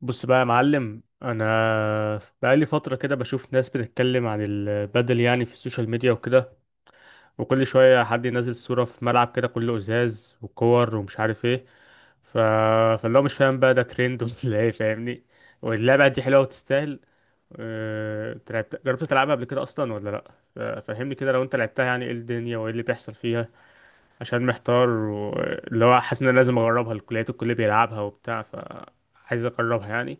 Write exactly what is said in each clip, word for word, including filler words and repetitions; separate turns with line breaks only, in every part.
بص بقى يا معلم، انا بقالي فتره كده بشوف ناس بتتكلم عن البدل يعني في السوشيال ميديا وكده. وكل شويه حد ينزل صوره في ملعب كده كله ازاز وكور ومش عارف ايه. ف... فاللي هو مش فاهم بقى ده ترند ولا ايه؟ فاهمني. واللعبه دي حلوه وتستاهل؟ أه... تلعب- جربت تلعبها قبل كده اصلا ولا لا؟ ف- فهمني كده لو انت لعبتها يعني ايه الدنيا وايه اللي بيحصل فيها. عشان محتار واللي هو حاسس ان أنا لازم اجربها، الكليات الكل بيلعبها وبتاع، فعايز اجربها يعني.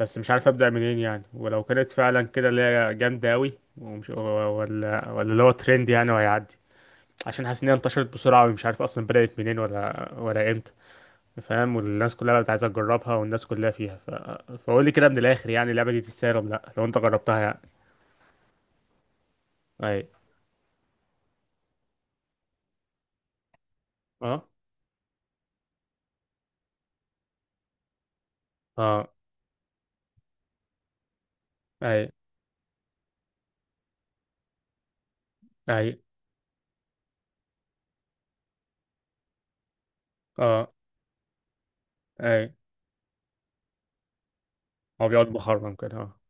بس مش عارف ابدا منين يعني، ولو كانت فعلا كده اللي هي جامده قوي ومش، ولا ولا اللي هو ترند يعني وهيعدي. عشان حاسس ان هي انتشرت بسرعه ومش عارف اصلا بدات منين ولا ولا امتى. فاهم، والناس كلها بقت عايزه تجربها والناس كلها فيها، ف... فقول لي كده من الاخر، يعني اللعبه دي تستاهل ولا لا لو انت جربتها يعني؟ اي. اه. اه. اي. اي. اه. اي. هو بيقعد مخرم كده اه.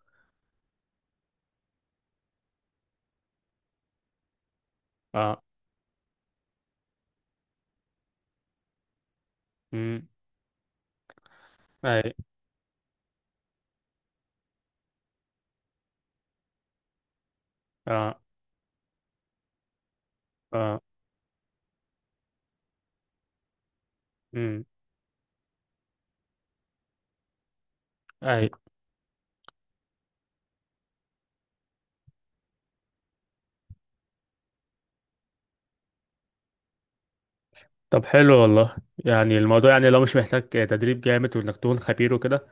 اه. امم. اي. اه. اه. امم. اي. طب حلو والله. يعني الموضوع يعني لو مش محتاج تدريب جامد وانك تكون خبير وكده.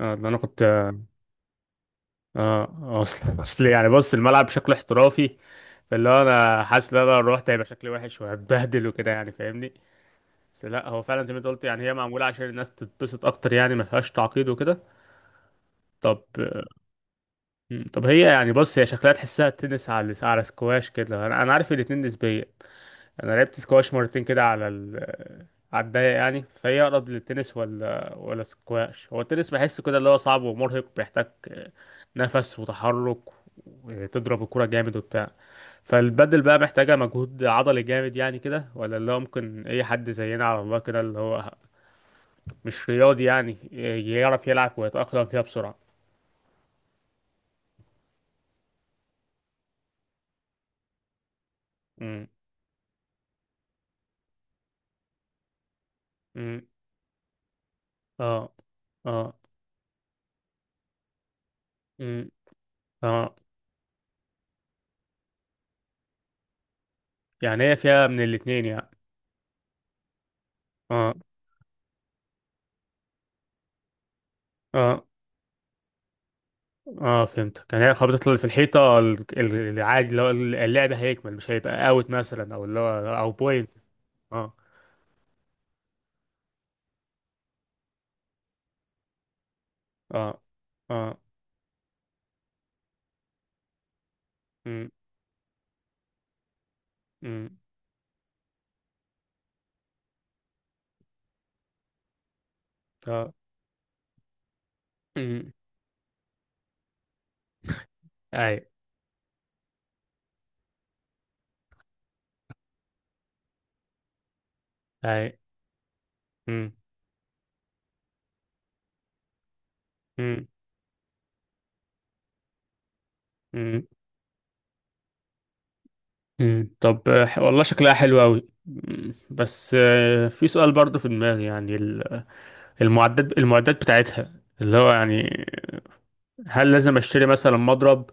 اه ده انا كنت اه. آه، اصل اصل يعني بص الملعب بشكل احترافي. فاللي هو انا حاسس ان انا لو رحت هيبقى شكلي وحش وهتبهدل وكده يعني، فاهمني. بس لا هو فعلا زي ما انت قلت، يعني هي معموله عشان الناس تتبسط اكتر، يعني ما فيهاش تعقيد وكده. طب. مم. طب هي يعني بص هي شكلها تحسها تنس على على سكواش كده، انا أنا عارف الاتنين نسبيه. انا لعبت سكواش مرتين كده على ال... على الضيق يعني، فهي اقرب للتنس ولا ولا سكواش؟ هو التنس بحسه كده اللي هو صعب ومرهق، بيحتاج نفس وتحرك وتضرب الكرة جامد وبتاع. فالبدل بقى محتاجة مجهود عضلي جامد يعني كده، ولا اللي هو ممكن اي حد زينا على الله كده اللي هو مش رياضي يعني يعرف يلعب ويتأقلم فيها بسرعة؟ امم. امم. اه. اه. امم. اه. يعني هي فيها من الاتنين يعني؟ اه. اه. اه فهمتك، يعني هي خبطت اللي في الحيطة ال- ال- العادي، اللي هو اللعب هيكمل مش هيبقى اوت مثلا، او اللي هو او بوينت؟ اه. اه. اه. امم. امم. اه. امم. اي. اي. امم. امم. امم. امم. طب آه، ح- والله شكلها حلو قوي. بس آه، في سؤال برضه في دماغي يعني ال- المعدات المعدات بتاعتها، اللي هو يعني، هل لازم اشتري مثلا مضرب؟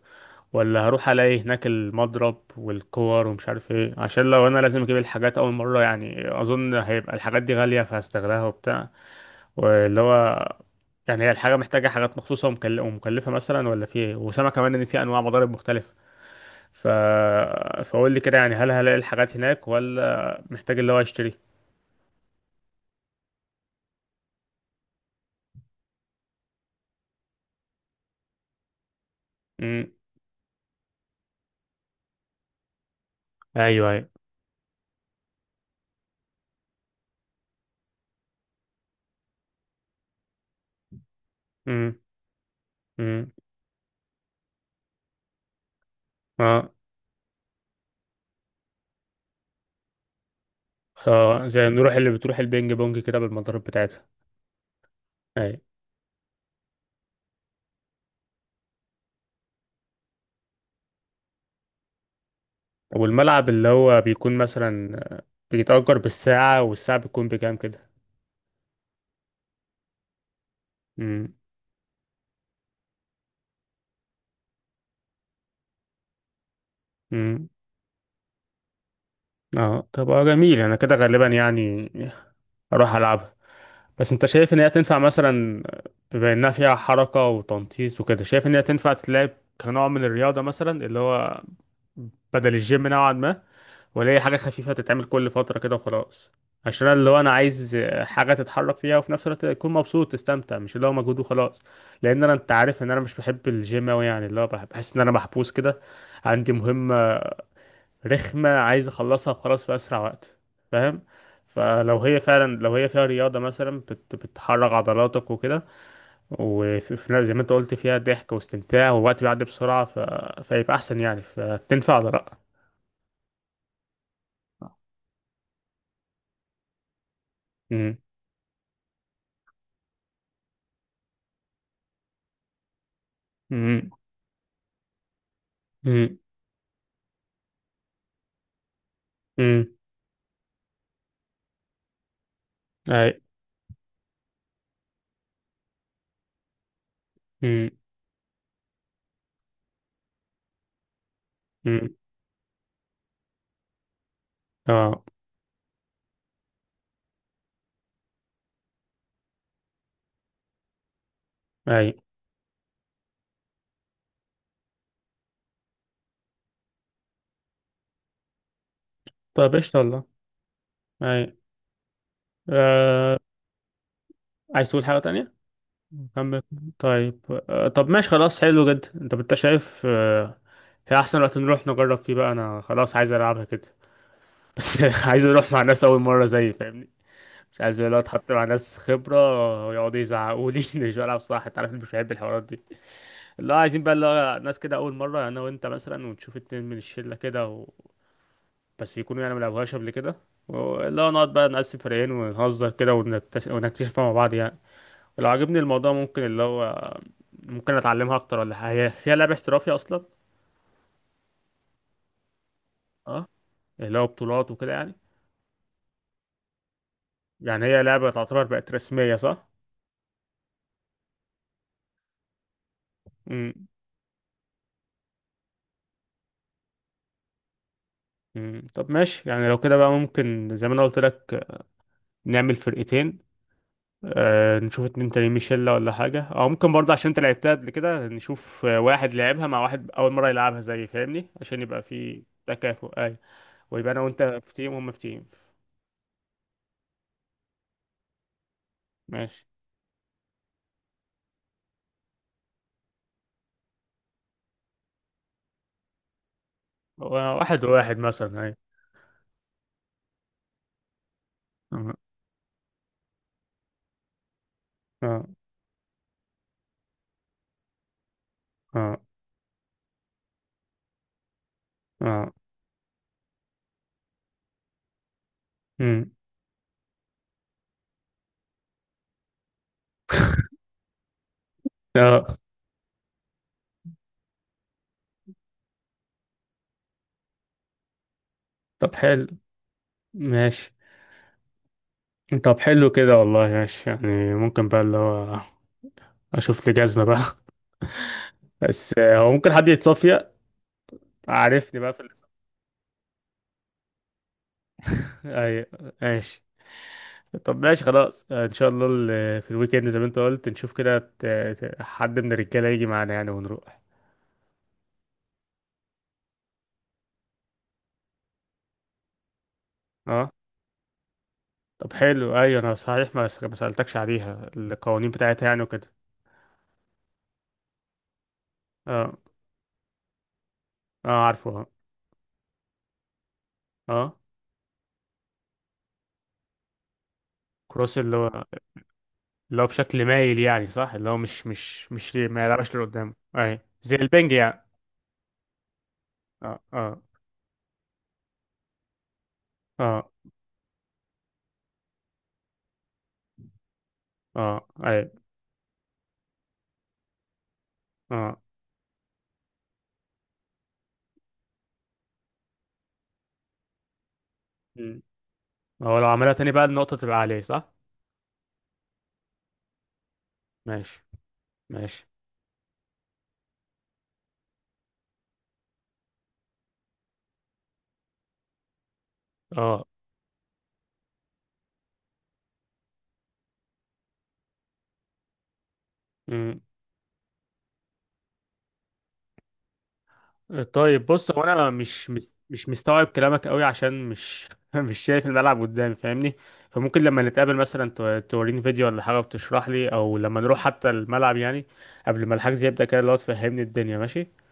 ولا هروح الاقي هناك المضرب والكور ومش عارف ايه؟ عشان لو انا لازم اجيب الحاجات اول مره يعني، اظن هيبقى الحاجات دي غاليه فهستغلها وبتاع. واللي هو يعني هي الحاجه محتاجه حاجات مخصوصه ومكل- ومكلفه مثلا ولا في ايه؟ وسامع كمان ان في انواع مضارب مختلفه. ف فقول لي كده يعني هل هلاقي الحاجات هناك ولا محتاج اللي هو اشتري؟ امم. ايوه ايوه. امم. امم. اه. خ- زي نروح اللي بتروح البينج بونج كده بالمضارب بتاعتها. أيوة. والملعب اللي هو بيكون مثلا بيتأجر بالساعة، والساعة بتكون بكام كده؟ امم. امم. اه طب اه جميل. انا كده غالبا يعني اروح العبها. بس انت شايف ان هي تنفع مثلا، بما انها فيها حركة وتنطيط وكده، شايف ان هي تنفع تتلعب كنوع من الرياضة مثلا، اللي هو بدل الجيم نوعا ما؟ ولا هي حاجة خفيفة تتعمل كل فترة كده وخلاص؟ عشان أنا اللي هو أنا عايز حاجة تتحرك فيها وفي نفس الوقت تكون مبسوط تستمتع، مش اللي هو مجهود وخلاص. لأن أنا أنت عارف إن أنا مش بحب الجيم أوي يعني، اللي هو بح- بحس إن أنا محبوس كده، عندي مهمة رخمة عايز أخلصها وخلاص في أسرع وقت، فاهم؟ فلو هي فعلا، لو هي فيها رياضة مثلا بت- بتحرك عضلاتك وكده، وفي في- زي ما أنت قلت فيها ضحك واستمتاع والوقت بيعدي بسرعة، ف... فيبقى أحسن يعني، فتنفع ولا لأ؟ مم. مم. مم. اي. امم. امم. اه. اي. طيب ايش الله. اي. آه. عايز تقول حاجة تانية؟ كمل. طيب. آه. طب ماشي خلاص، حلو جدا. انت انت شايف آه. في احسن وقت نروح نجرب فيه بقى، انا خلاص عايز العبها كده. بس عايز اروح مع ناس اول مرة زيي فاهمني. مش عايز بقى لو اتحط مع ناس خبرة ويقعدوا يزعقوا لي إني مش بلعب صح، انت عارف إني مش بحب الحوارات دي. اللي هو عايزين بقى اللي هو ناس كده اول مرة انا وانت مثلا، ونشوف اتنين من الشلة كده، بس يكونوا يعني ملعبوهاش قبل كده. اللي هو نقعد بقى نقسم فريقين ونهزر كده ونكتشف ونكتشفها مع بعض يعني. لو عجبني الموضوع ممكن اللي هو ممكن اتعلمها اكتر ولا حاجة، هي فيها لعبة احترافية اصلا؟ اه اللي هو بطولات وكده يعني، يعني هي لعبة تعتبر بقت رسمية صح؟ امم. أمم. طب ماشي يعني لو كده بقى ممكن زي ما انا قلت لك نعمل فرقتين. آه نشوف اتنين تانيين، ميشيلا ولا حاجة، او ممكن برضه عشان انت لعبتها قبل كده نشوف آه، واحد لعبها مع واحد اول مرة يلعبها زي، فاهمني؟ عشان يبقى في تكافؤ اي. ويبقى انا وانت في تيم وهم في تيم. ماشي. واحد وواحد مثلا أيوة. اه. اه. اه. اه. امم. اه. طب حلو. ماشي. طب حلو كده والله ماشي، يعني ممكن بقى اللي هو اشوف لي جزمة بقى بس آه، هو ممكن حد يتصفي عارفني بقى في اللي ايوه. ماشي. طب ماشي خلاص آه، ان شاء الله ال- في الويك اند زي ما انت قلت نشوف كده ت- ت- حد من الرجاله يجي معانا يعني ونروح. اه طب حلو ايوه، انا صحيح ما ما سألتكش عليها القوانين بتاعتها يعني وكده. اه. اه عارفه اه. اه كروس، اللي هو اللي هو بشكل مايل يعني صح؟ اللي هو مش مش مش ليه- ما يلعبش لقدام، اي زي البنج يعني. اه. اه. اه. اه. اي. اه. مم. هو لو عملها تاني بقى النقطة تبقى عليه صح؟ ماشي. ماشي. اه. طيب بص هو انا مش مش مش مستوعب كلامك قوي عشان مش مش شايف الملعب قدامي فاهمني. فممكن لما نتقابل مثلا تو- توريني فيديو ولا حاجه، وتشرح لي، او لما نروح حتى الملعب يعني قبل ما الحجز يبدا كده لو تفهمني الدنيا. ماشي.